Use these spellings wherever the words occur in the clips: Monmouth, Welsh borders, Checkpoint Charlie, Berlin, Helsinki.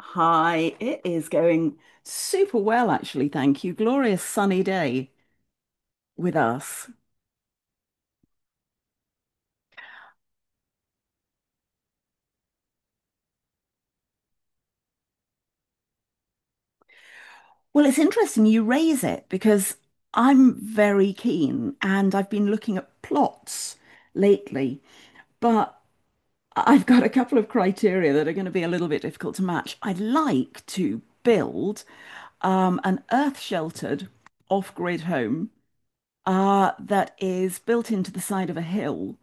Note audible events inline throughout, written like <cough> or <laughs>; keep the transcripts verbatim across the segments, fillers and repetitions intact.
Hi, it is going super well, actually. Thank you. Glorious sunny day with us. Well, it's interesting you raise it because I'm very keen and I've been looking at plots lately, but I've got a couple of criteria that are going to be a little bit difficult to match. I'd like to build um, an earth-sheltered off-grid home uh, that is built into the side of a hill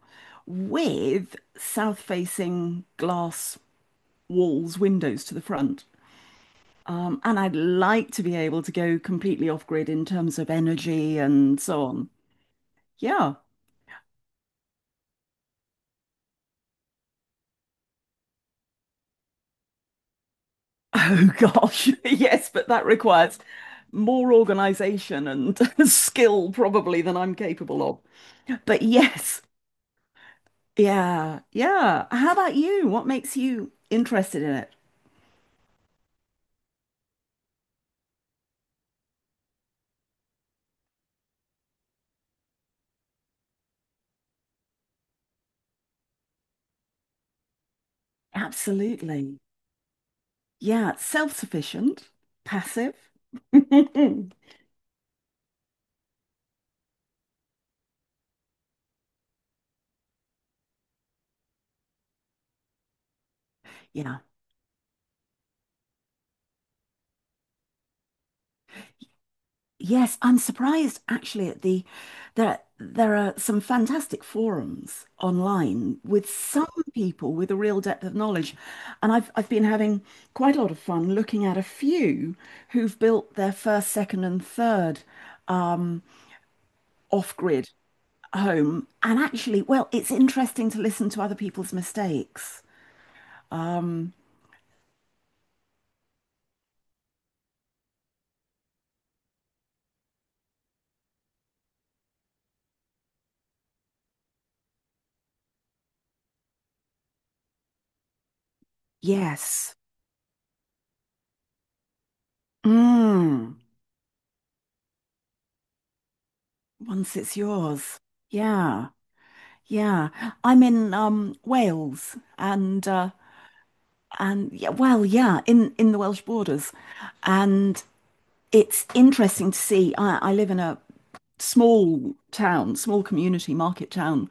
with south-facing glass walls, windows to the front. Um, and I'd like to be able to go completely off-grid in terms of energy and so on. Yeah. Oh gosh, <laughs> yes, but that requires more organization and <laughs> skill probably than I'm capable of. But yes, yeah, yeah. How about you? What makes you interested in it? Absolutely. Yeah, self-sufficient, passive. <laughs> Yeah. Yes, I'm surprised actually at the there there are some fantastic forums online with some people with a real depth of knowledge. And I've I've been having quite a lot of fun looking at a few who've built their first, second, and third um, off-grid home. And actually, well, it's interesting to listen to other people's mistakes. Um, yes. Mm. Once it's yours. Yeah. Yeah. I'm in um Wales and uh and yeah, well, yeah, in in the Welsh borders. And it's interesting to see. I, I live in a small town, small community market town,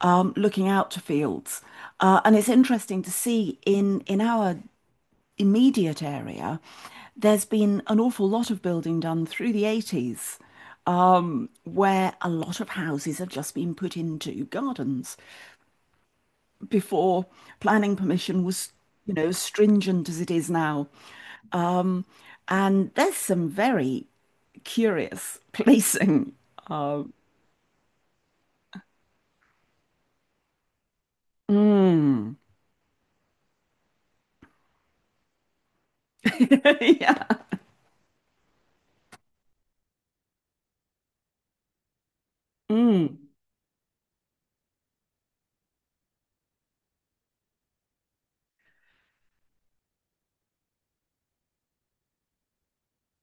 um, looking out to fields. Uh, and it's interesting to see in in our immediate area, there's been an awful lot of building done through the eighties, um, where a lot of houses have just been put into gardens before planning permission was, you know, stringent as it is now. Um, and there's some very curious placing. Mm. <laughs> Yeah. Mm.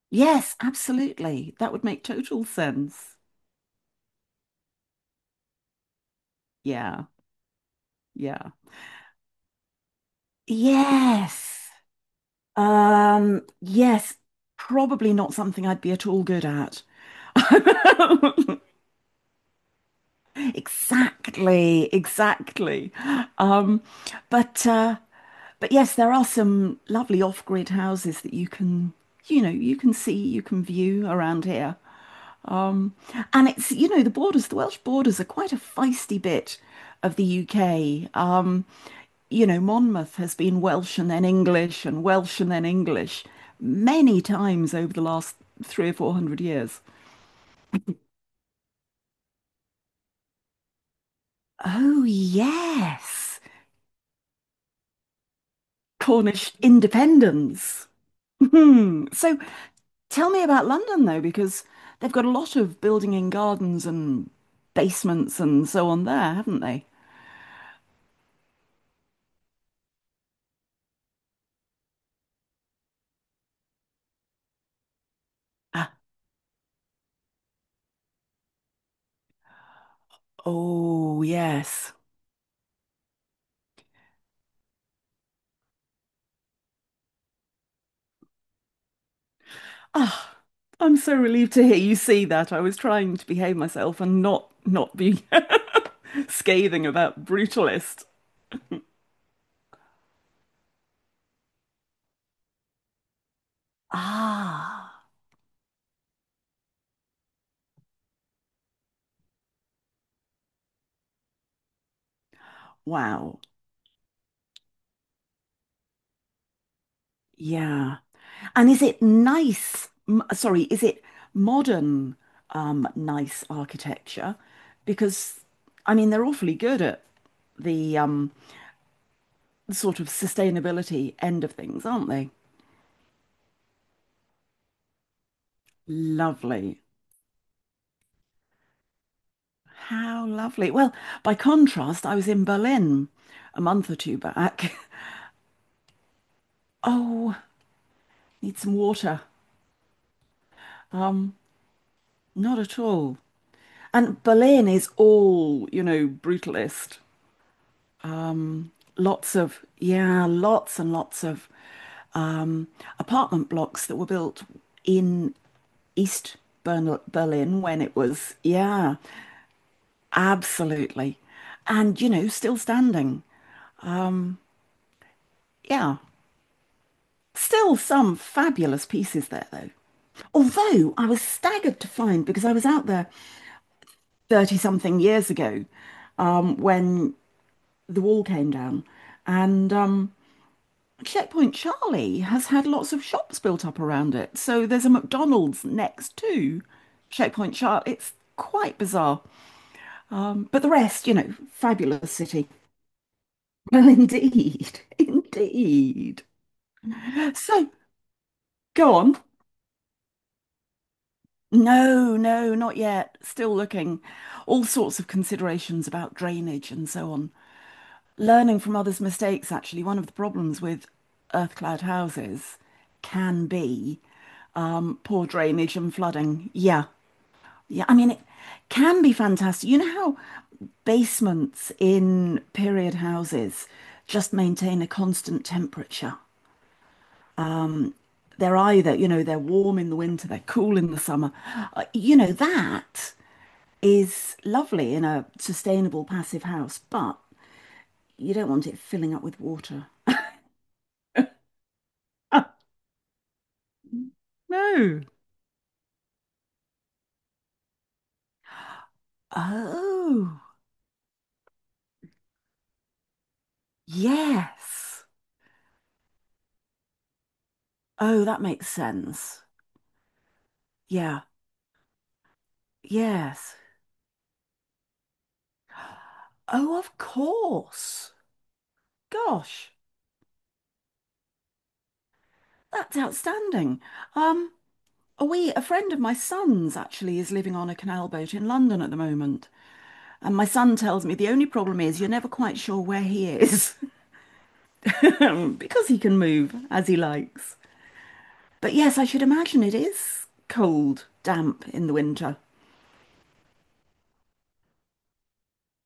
Yes, absolutely. That would make total sense. Yeah. Yeah. Yes. Um, yes, probably not something I'd be at all good at. <laughs> Exactly, exactly. Um, but uh, but yes, there are some lovely off-grid houses that you can, you know, you can see, you can view around here. Um, and it's, you know, the borders, the Welsh borders are quite a feisty bit of the U K. Um, you know, Monmouth has been Welsh and then English and Welsh and then English many times over the last three or four hundred years. Oh, yes. Cornish independence. <laughs> So tell me about London, though, because they've got a lot of building in gardens and basements and so on there, haven't they? Ah, oh, yes. Ah, I'm so relieved to hear you see that. I was trying to behave myself and not not be <laughs> scathing about Brutalist. Ah, wow. Yeah. And is it nice? M Sorry, is it modern, um, nice architecture? Because I mean, they're awfully good at the um sort of sustainability end of things, aren't they? Lovely. How lovely. Well, by contrast, I was in Berlin a month or two back. <laughs> Oh, need some water. Not at all. And Berlin is all, you know, brutalist. Lots of, yeah, lots and lots of um, apartment blocks that were built in East Bern Berlin when it was, yeah, absolutely. And, you know, still standing. Yeah. Still some fabulous pieces there, though. Although I was staggered to find, because I was out there thirty something years ago um, when the wall came down, and um, Checkpoint Charlie has had lots of shops built up around it. So there's a McDonald's next to Checkpoint Charlie. It's quite bizarre. Um, but the rest, you know, fabulous city. Well, indeed, <laughs> indeed. So go on. No, no, not yet. Still looking. All sorts of considerations about drainage and so on. Learning from others' mistakes, actually, one of the problems with earth cloud houses can be um, poor drainage and flooding. Yeah. Yeah. I mean, it can be fantastic. You know how basements in period houses just maintain a constant temperature? They're either, you know, they're warm in the winter, they're cool in the summer. Uh, you know, that is lovely in a sustainable passive house, but you don't want it filling up with water. <laughs> No. Oh, yes. Oh, that makes sense. Yeah, yes. Oh, of course. Gosh, that's outstanding. Um, we, a friend of my son's actually is living on a canal boat in London at the moment. And my son tells me the only problem is you're never quite sure where he is <laughs> because he can move as he likes. But yes, I should imagine it is cold, damp in the winter.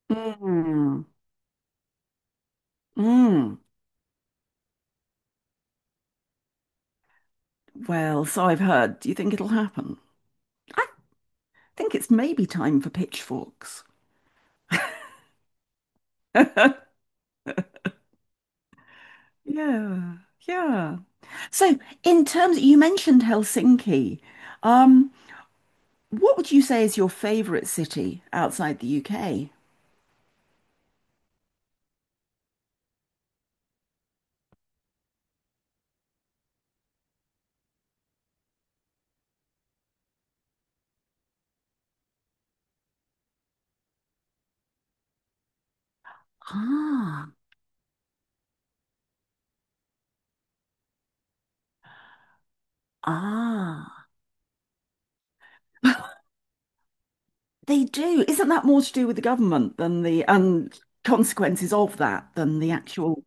Mm, mm. Well, so I've heard. Do you think it'll happen? I think it's maybe time for pitchforks. <laughs> Yeah, yeah. So, in terms, you mentioned Helsinki. Um, what would you say is your favorite city outside the U K? Ah, ah, they do. Isn't that more to do with the government than the and consequences of that than the actual?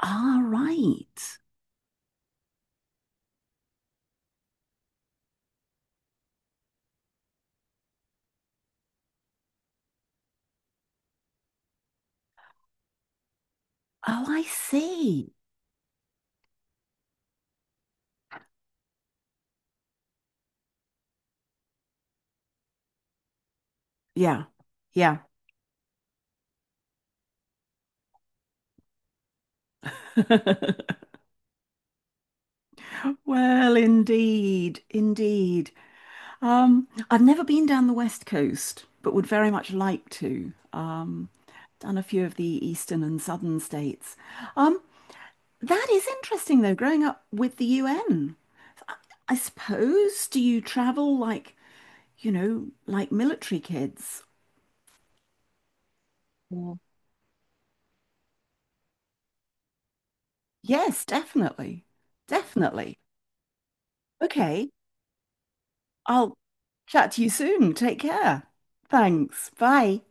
Ah, right. Oh, I see. Yeah, yeah. <laughs> Well, indeed, indeed. Um, I've never been down the West Coast, but would very much like to. Um, done a few of the eastern and southern states. Um, that is interesting, though, growing up with the U N. I suppose, do you travel like, you know, like military kids? Or- Yes, definitely. Definitely. Okay, I'll chat to you soon. Take care. Thanks. Bye.